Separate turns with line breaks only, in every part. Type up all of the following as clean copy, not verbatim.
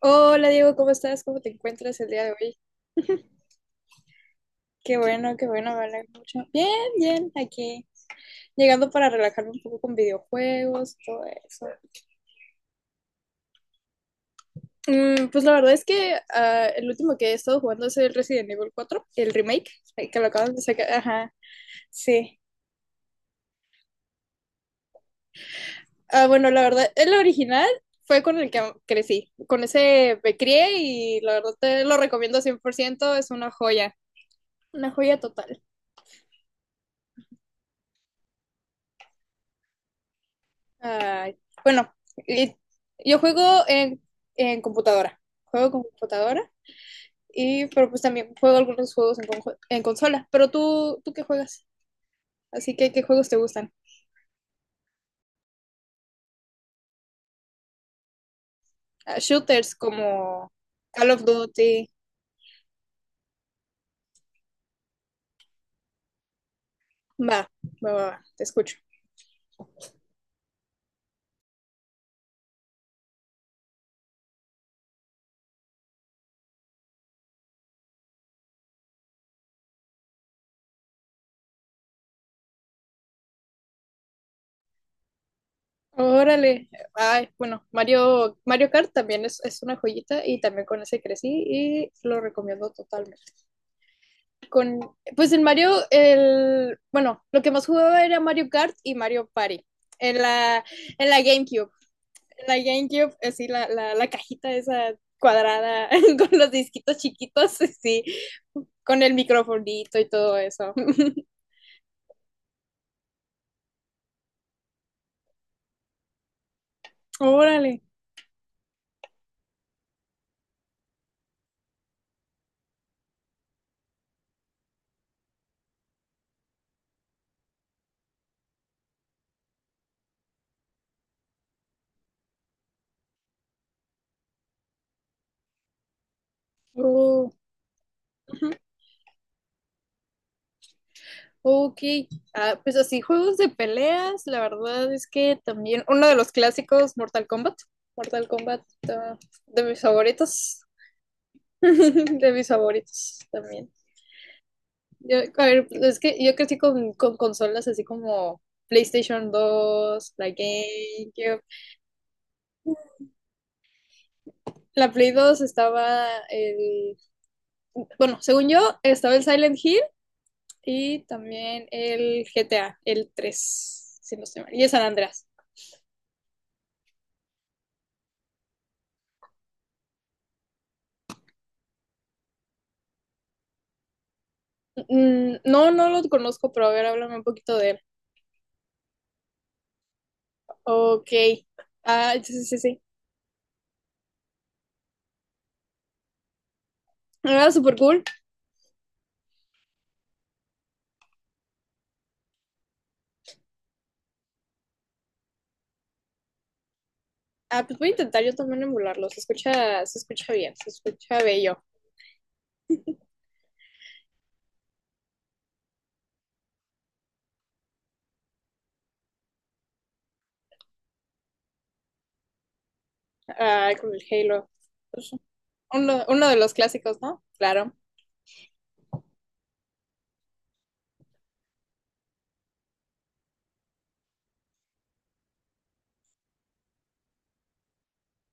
Hola Diego, ¿cómo estás? ¿Cómo te encuentras el día de hoy? Qué bueno, me alegra mucho. Bien, bien, aquí llegando para relajarme un poco con videojuegos, todo eso. Pues la verdad es que el último que he estado jugando es el Resident Evil 4, el remake, que lo acaban de sacar. Ajá, sí. Ah, bueno, la verdad, el original fue con el que crecí, con ese me crié y la verdad te lo recomiendo 100%, es una joya total. Ay, bueno, y- yo juego en, en computadora. Juego con computadora y pero pues también juego algunos juegos en consola. Pero ¿tú qué juegas? Así que, ¿qué juegos te gustan? Ah, shooters como Call of Duty. Va, va, va, va, te escucho. Órale. Ay, bueno, Mario Kart también es una joyita y también con ese crecí y lo recomiendo totalmente. Con, pues en Mario, bueno, lo que más jugaba era Mario Kart y Mario Party en la GameCube. En la GameCube, así la cajita esa cuadrada con los disquitos chiquitos, sí, con el microfonito y todo eso. Órale. Oh, ujú. Ok, ah, pues así, juegos de peleas, la verdad es que también uno de los clásicos, Mortal Kombat, ah, de mis favoritos, de mis favoritos también. Yo, a ver, es que yo crecí con consolas así como PlayStation 2 la GameCube. La Play 2 estaba el... Bueno, según yo, estaba el Silent Hill y también el GTA, el 3 si no estoy mal, y el San Andreas. Mm, no, no lo conozco, pero a ver, háblame un poquito de él. Ok. Ah, sí, sí, sí. Sí, era súper cool. Ah, pues voy a intentar yo también emularlo. Se escucha bien, se escucha bello. Ay, con el Halo. Pues, uno de los clásicos, ¿no? Claro.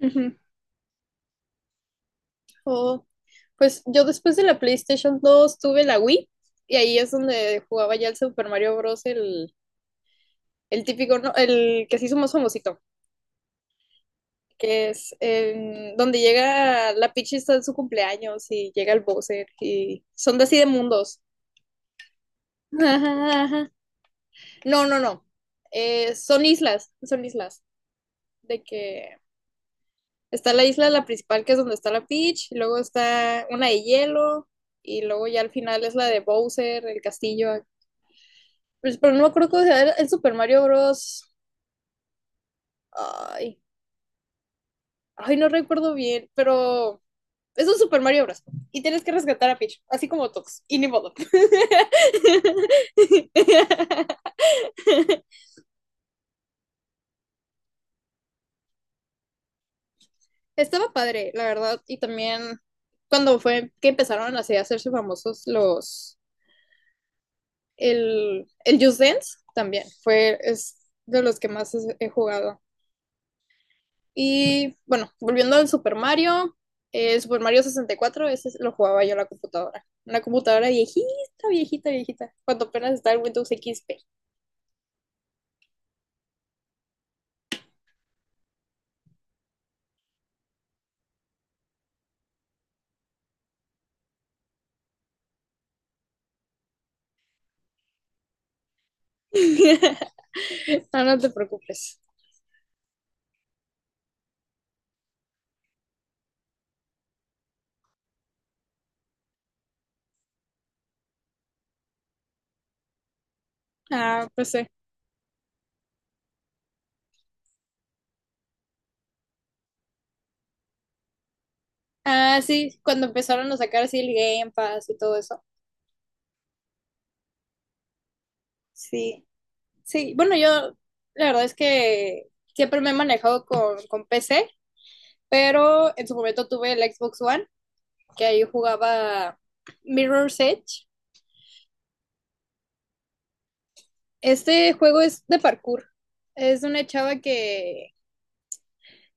Ujú. Oh, pues yo después de la PlayStation 2 tuve la Wii y ahí es donde jugaba ya el Super Mario Bros., el típico, ¿no? El que se hizo más famosito, que es donde llega la Peach, está en su cumpleaños y llega el Bowser y son de así de mundos. Ajá, ajá. No, no, no. Son islas, son islas. De que está la isla, la principal, que es donde está la Peach, y luego está una de hielo, y luego ya al final es la de Bowser, el castillo. Pues, pero no me acuerdo cómo se llama, el Super Mario Bros. Ay, ay, no recuerdo bien, pero es un Super Mario Bros. Y tienes que rescatar a Peach, así como Tox. Y ni modo. Estaba padre, la verdad. Y también cuando fue que empezaron así a hacerse famosos los. El Just Dance también fue es de los que más he jugado. Y bueno, volviendo al Super Mario, Super Mario 64, ese lo jugaba yo en la computadora. Una computadora viejita, viejita, viejita. Cuando apenas estaba el Windows XP. No, no te preocupes. Ah, pues sí. Ah, sí, cuando empezaron a sacar así el Game Pass y todo eso. Sí, sí. Bueno, yo la verdad es que siempre me he manejado con PC, pero en su momento tuve el Xbox One, que ahí jugaba Mirror's Edge. Este juego es de parkour. Es una chava que,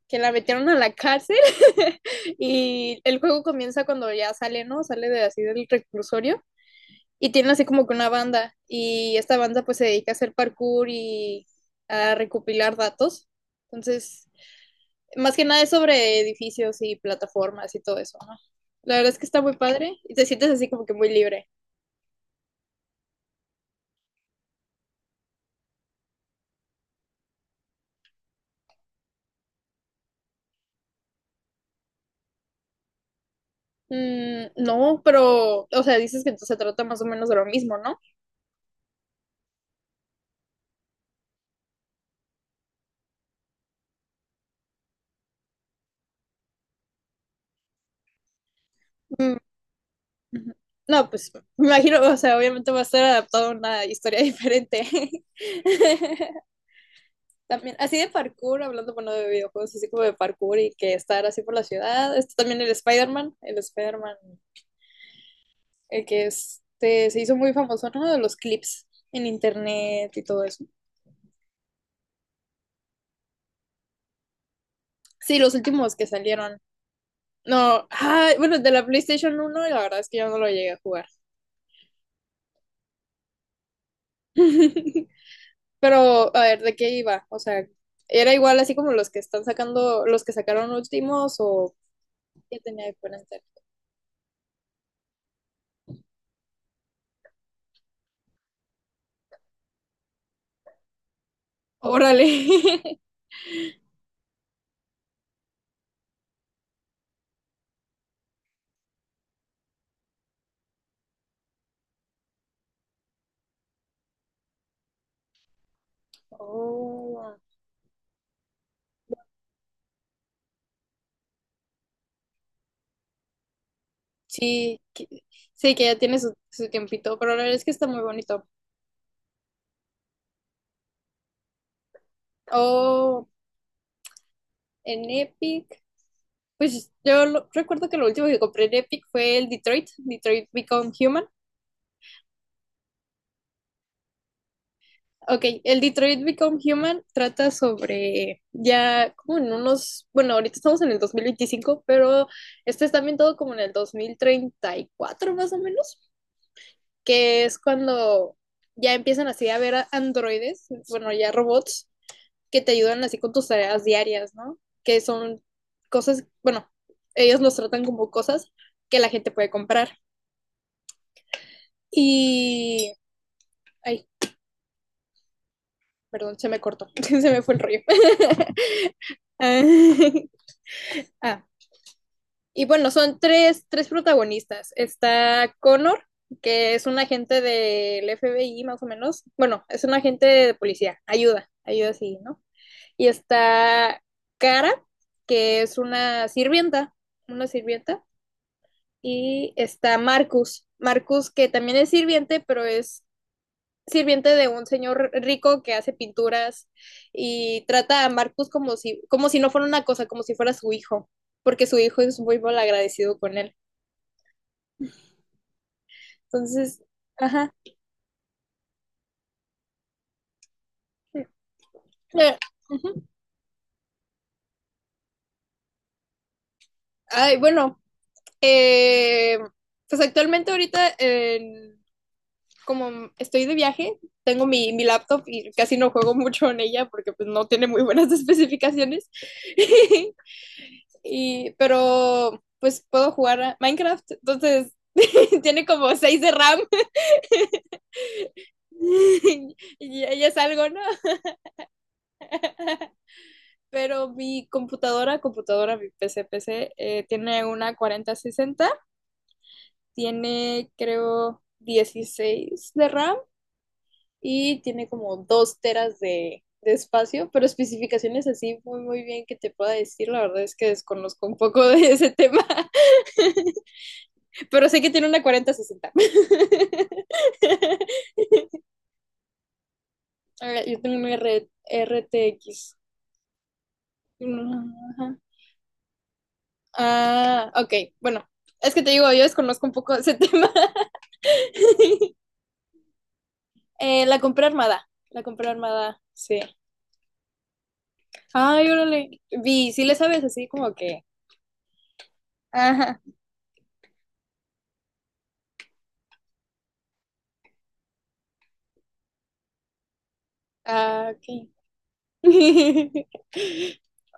que la metieron a la cárcel y el juego comienza cuando ya sale, ¿no? Sale de así del reclusorio y tienen así como que una banda y esta banda pues se dedica a hacer parkour y a recopilar datos. Entonces, más que nada es sobre edificios y plataformas y todo eso, ¿no? La verdad es que está muy padre y te sientes así como que muy libre. Mm, no, pero, o sea, dices que se trata más o menos de lo mismo, ¿no? Mm, ujú. No, pues me imagino, o sea, obviamente va a estar adaptado a una historia diferente. También, así de parkour, hablando, bueno, de videojuegos, así como de parkour y que estar así por la ciudad. Está también el Spider-Man, el que se hizo muy famoso, ¿no? De los clips en internet y todo eso. Sí, los últimos que salieron. No, ah, bueno, de la PlayStation 1, la verdad es que yo no lo llegué a jugar. Pero, a ver, ¿de qué iba? O sea, ¿era igual así como los que están sacando, los que sacaron últimos o qué tenía diferente? Órale. Oh. Sí, que- sí, que ya tiene su tiempito, pero la verdad es que está muy bonito. Oh, en Epic, pues yo recuerdo que lo último que compré en Epic fue el Detroit Become Human. Ok, el Detroit Become Human trata sobre ya como en bueno, ahorita estamos en el 2025, pero este está ambientado como en el 2034 más o menos, que es cuando ya empiezan así a ver a androides, bueno, ya robots que te ayudan así con tus tareas diarias, ¿no? Que son cosas, bueno, ellos los tratan como cosas que la gente puede comprar. Y... Ay, perdón, se me cortó, se me fue el rollo. ah, y bueno, son tres protagonistas. Está Connor, que es un agente del FBI más o menos. Bueno, es un agente de policía, ayuda, ayuda sí, ¿no? Y está Cara, que es una sirvienta, una sirvienta. Y está Marcus, que también es sirviente, pero es sirviente de un señor rico que hace pinturas y trata a Marcus como si no fuera una cosa, como si fuera su hijo, porque su hijo es muy mal agradecido con él. Entonces, ajá. Eh, ujú. Ay, bueno, eh, pues actualmente ahorita, como estoy de viaje, tengo mi laptop y casi no juego mucho en ella porque pues no tiene muy buenas especificaciones. Y, pero pues puedo jugar a Minecraft, entonces tiene como 6 de RAM y ya es algo, ¿no? Pero mi computadora, mi PC, tiene una 4060, tiene creo 16 de RAM y tiene como 2 teras de espacio, pero especificaciones así muy muy bien que te pueda decir, la verdad es que desconozco un poco de ese tema, pero sé que tiene una 4060. Ah, yo tengo una RTX. Ajá. Ah, ok. Bueno, es que te digo, yo desconozco un poco ese tema. La compré armada. La compré armada, sí. Ay, órale. Sí le sabes así como que. Ajá. Ah, ok.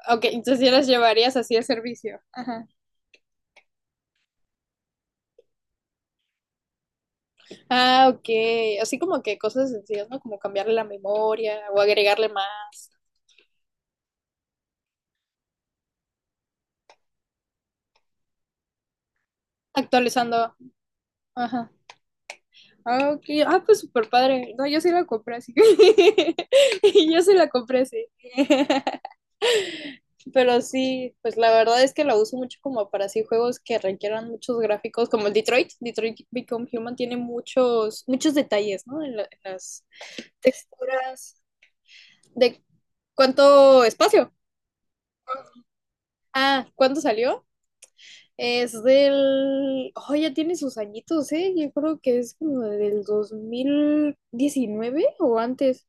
Ok, entonces ya las llevarías así a servicio. Ajá. Ah, ok. Así como que cosas sencillas, ¿no? Como cambiarle la memoria o agregarle más, actualizando. Ajá. Ah, ok. Ah, pues súper padre. No, yo sí la compré así. Yo sí la compré así. Pero sí, pues la verdad es que la uso mucho como para así juegos que requieran muchos gráficos, como el Detroit Become Human tiene muchos, muchos detalles, ¿no? En las texturas. ¿De cuánto espacio? Ah, ¿cuándo salió? Oh, ya tiene sus añitos, ¿eh? Yo creo que es como del 2019 o antes.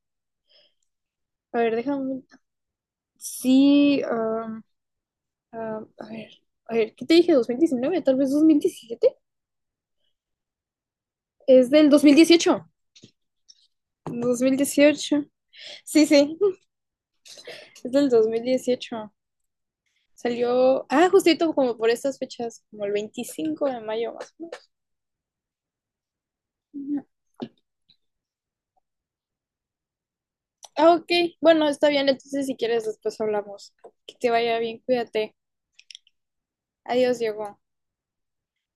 A ver, déjame sí, am, a ver, a ver, ¿qué te dije? 2019, tal vez 2017, es del dos mil dieciocho, 2018, sí, sí, es del 2018, salió, justito como por estas fechas, como el 25 de mayo más o menos. Ah, ok. Bueno, está bien, entonces si quieres después hablamos. Que te vaya bien, cuídate. Adiós, Diego.